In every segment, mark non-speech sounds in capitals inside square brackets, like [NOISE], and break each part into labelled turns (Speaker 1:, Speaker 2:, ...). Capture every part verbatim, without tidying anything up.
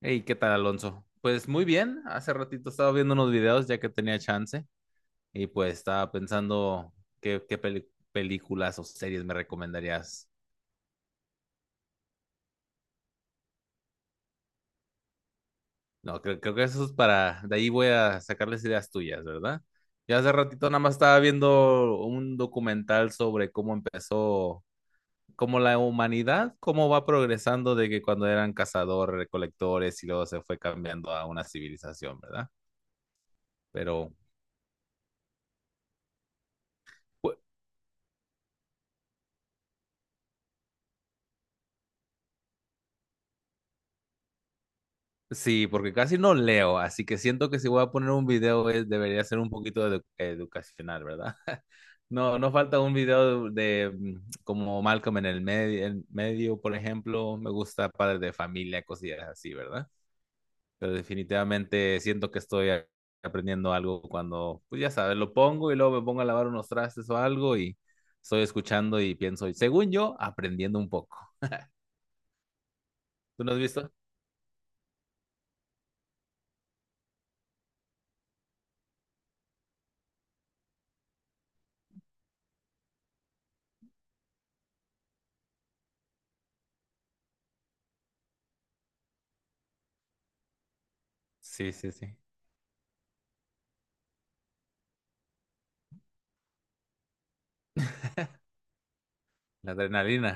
Speaker 1: Hey, ¿qué tal, Alonso? Pues muy bien, hace ratito estaba viendo unos videos ya que tenía chance y pues estaba pensando qué, qué peli- películas o series me recomendarías. No, creo, creo que eso es para, de ahí voy a sacarles ideas tuyas, ¿verdad? Ya hace ratito nada más estaba viendo un documental sobre cómo empezó, cómo la humanidad, cómo va progresando de que cuando eran cazadores, recolectores y luego se fue cambiando a una civilización, ¿verdad? Pero... Sí, porque casi no leo, así que siento que si voy a poner un video eh, debería ser un poquito edu- educacional, ¿verdad? [LAUGHS] No, no falta un video de, mm, como Malcolm en el medio, en medio, por ejemplo, me gusta Padre de Familia, cosillas así, ¿verdad? Pero definitivamente siento que estoy a- aprendiendo algo cuando, pues ya sabes, lo pongo y luego me pongo a lavar unos trastes o algo y estoy escuchando y pienso, según yo, aprendiendo un poco. ¿Tú no has visto? Sí, sí, sí. La adrenalina.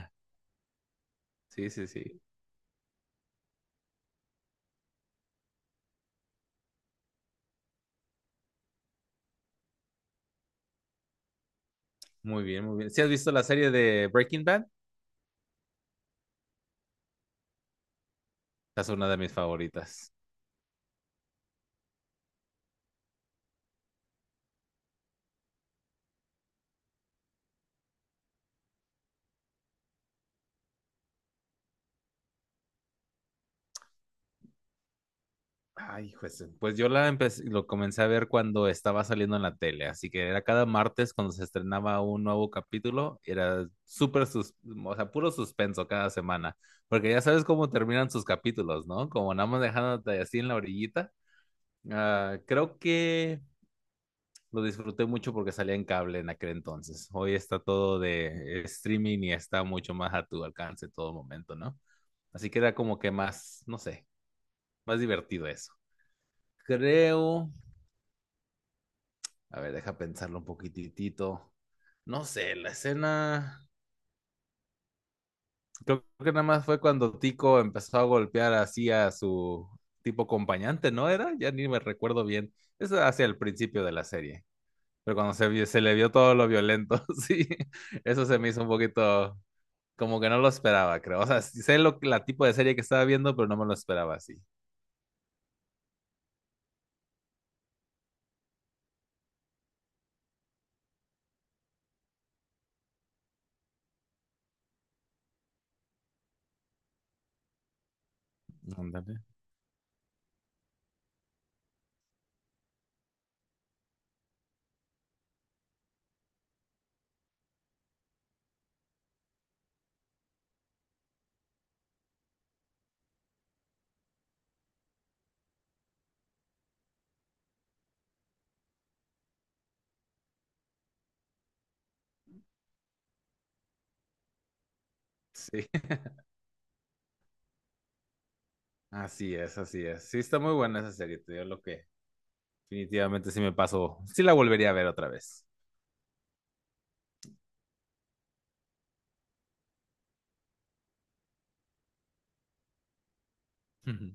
Speaker 1: Sí, sí, sí. Muy bien, muy bien. ¿Sí has visto la serie de Breaking Bad? Esa es una de mis favoritas. Pues yo la empecé, lo comencé a ver cuando estaba saliendo en la tele, así que era cada martes cuando se estrenaba un nuevo capítulo, era súper, sus- o sea, puro suspenso cada semana, porque ya sabes cómo terminan sus capítulos, ¿no? Como nada más dejándote así en la orillita. Ah, creo que lo disfruté mucho porque salía en cable en aquel entonces. Hoy está todo de streaming y está mucho más a tu alcance en todo momento, ¿no? Así que era como que más, no sé, más divertido eso. Creo, a ver, deja pensarlo un poquitito. No sé, la escena, creo que nada más fue cuando Tico empezó a golpear así a su tipo acompañante, ¿no era? Ya ni me recuerdo bien. Eso hacia el principio de la serie. Pero cuando se, vio- se le vio todo lo violento, [LAUGHS] sí, eso se me hizo un poquito como que no lo esperaba, creo. O sea, sí sé lo, la tipo de serie que estaba viendo, pero no me lo esperaba así. Ándale. Sí, [LAUGHS] así es, así es. Sí, está muy buena esa serie, te digo lo que definitivamente sí me pasó. Sí la volvería a ver otra vez. Ujú.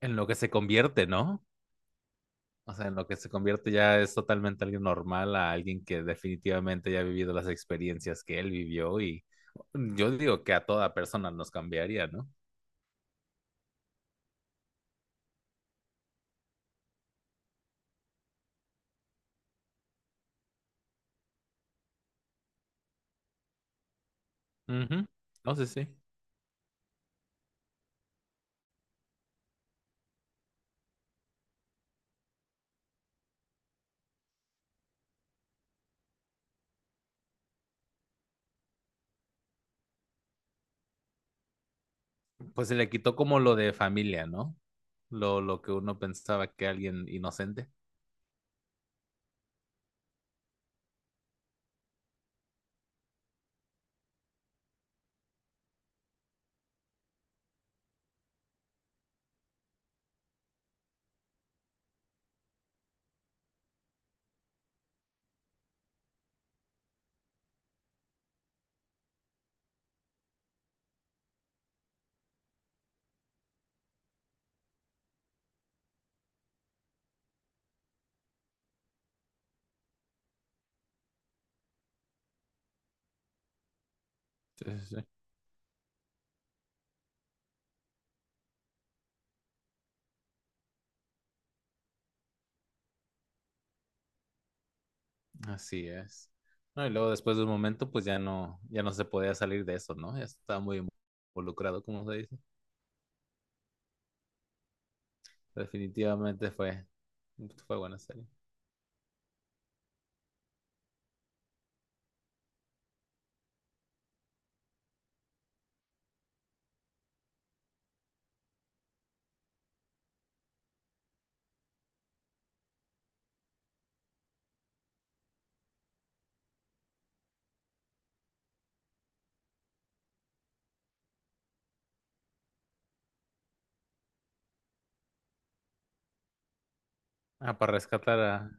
Speaker 1: En lo que se convierte, ¿no? O sea, en lo que se convierte ya es totalmente alguien normal, a alguien que definitivamente ya ha vivido las experiencias que él vivió y yo digo que a toda persona nos cambiaría, ¿no? Ujú. No sé, sí. Pues se le quitó como lo de familia, ¿no? lo, lo que uno pensaba que alguien inocente. Sí, sí, sí. Así es. No, y luego después de un momento, pues ya no, ya no se podía salir de eso, ¿no? Ya estaba muy involucrado, como se dice. Definitivamente fue, fue buena serie. Ah, para rescatar a...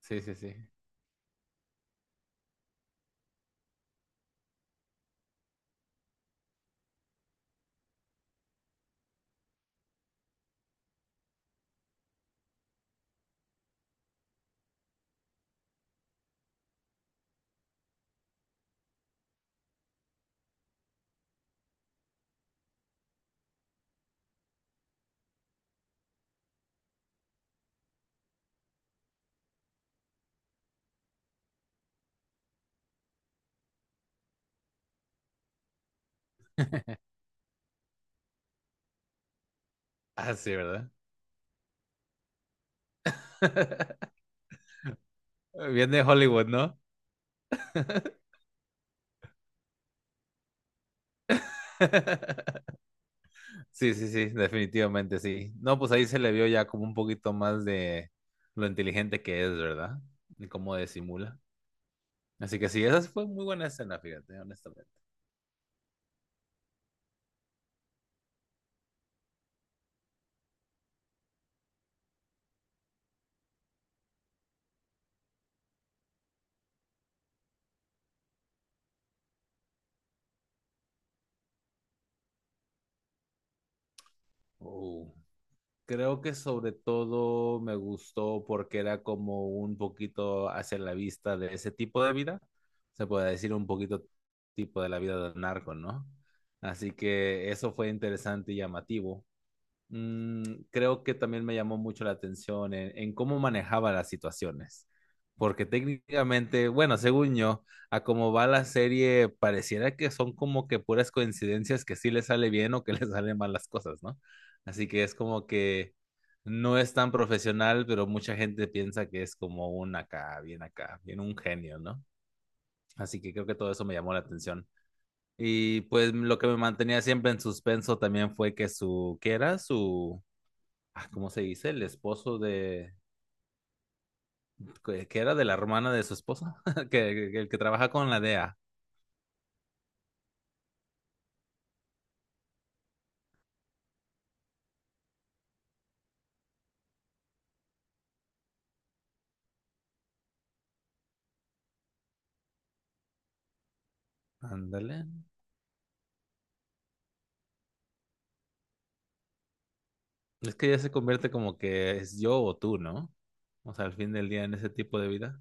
Speaker 1: Sí, sí, sí. Ah, sí, ¿verdad? [LAUGHS] viene de Hollywood, ¿no? [LAUGHS] Sí, sí, sí, definitivamente sí. No, pues ahí se le vio ya como un poquito más de lo inteligente que es, ¿verdad? Y cómo disimula. Así que sí, esa fue muy buena escena, fíjate, honestamente. Uh, creo que sobre todo me gustó porque era como un poquito hacia la vista de ese tipo de vida. Se puede decir un poquito tipo de la vida del narco, ¿no? Así que eso fue interesante y llamativo. mm, creo que también me llamó mucho la atención en, en cómo manejaba las situaciones. Porque técnicamente, bueno, según yo, a cómo va la serie, pareciera que son como que puras coincidencias que sí le sale bien o que le [LAUGHS] salen mal las cosas, ¿no? Así que es como que no es tan profesional, pero mucha gente piensa que es como un acá, bien acá, bien un genio, ¿no? Así que creo que todo eso me llamó la atención. Y pues lo que me mantenía siempre en suspenso también fue que su, ¿qué era? Su ah, ¿cómo se dice? El esposo de, que que era de la hermana de su esposa, [LAUGHS] que, que- el que trabaja con la D E A. Ándale. Es que ya se convierte como que es yo o tú, ¿no? O sea, al fin del día en ese tipo de vida.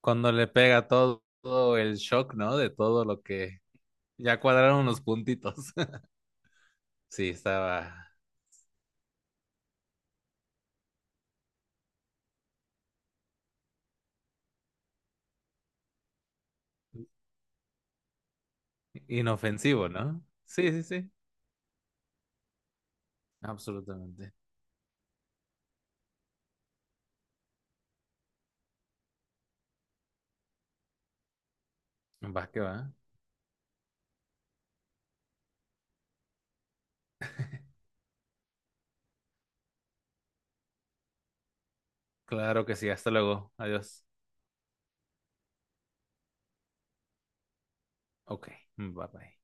Speaker 1: Cuando le pega todo, todo el shock, ¿no? De todo lo que ya cuadraron los puntitos. [LAUGHS] Sí, estaba inofensivo, ¿no? Sí, sí, sí. Absolutamente. Va que va. Claro que sí. Hasta luego. Adiós. Ok. Bye bye.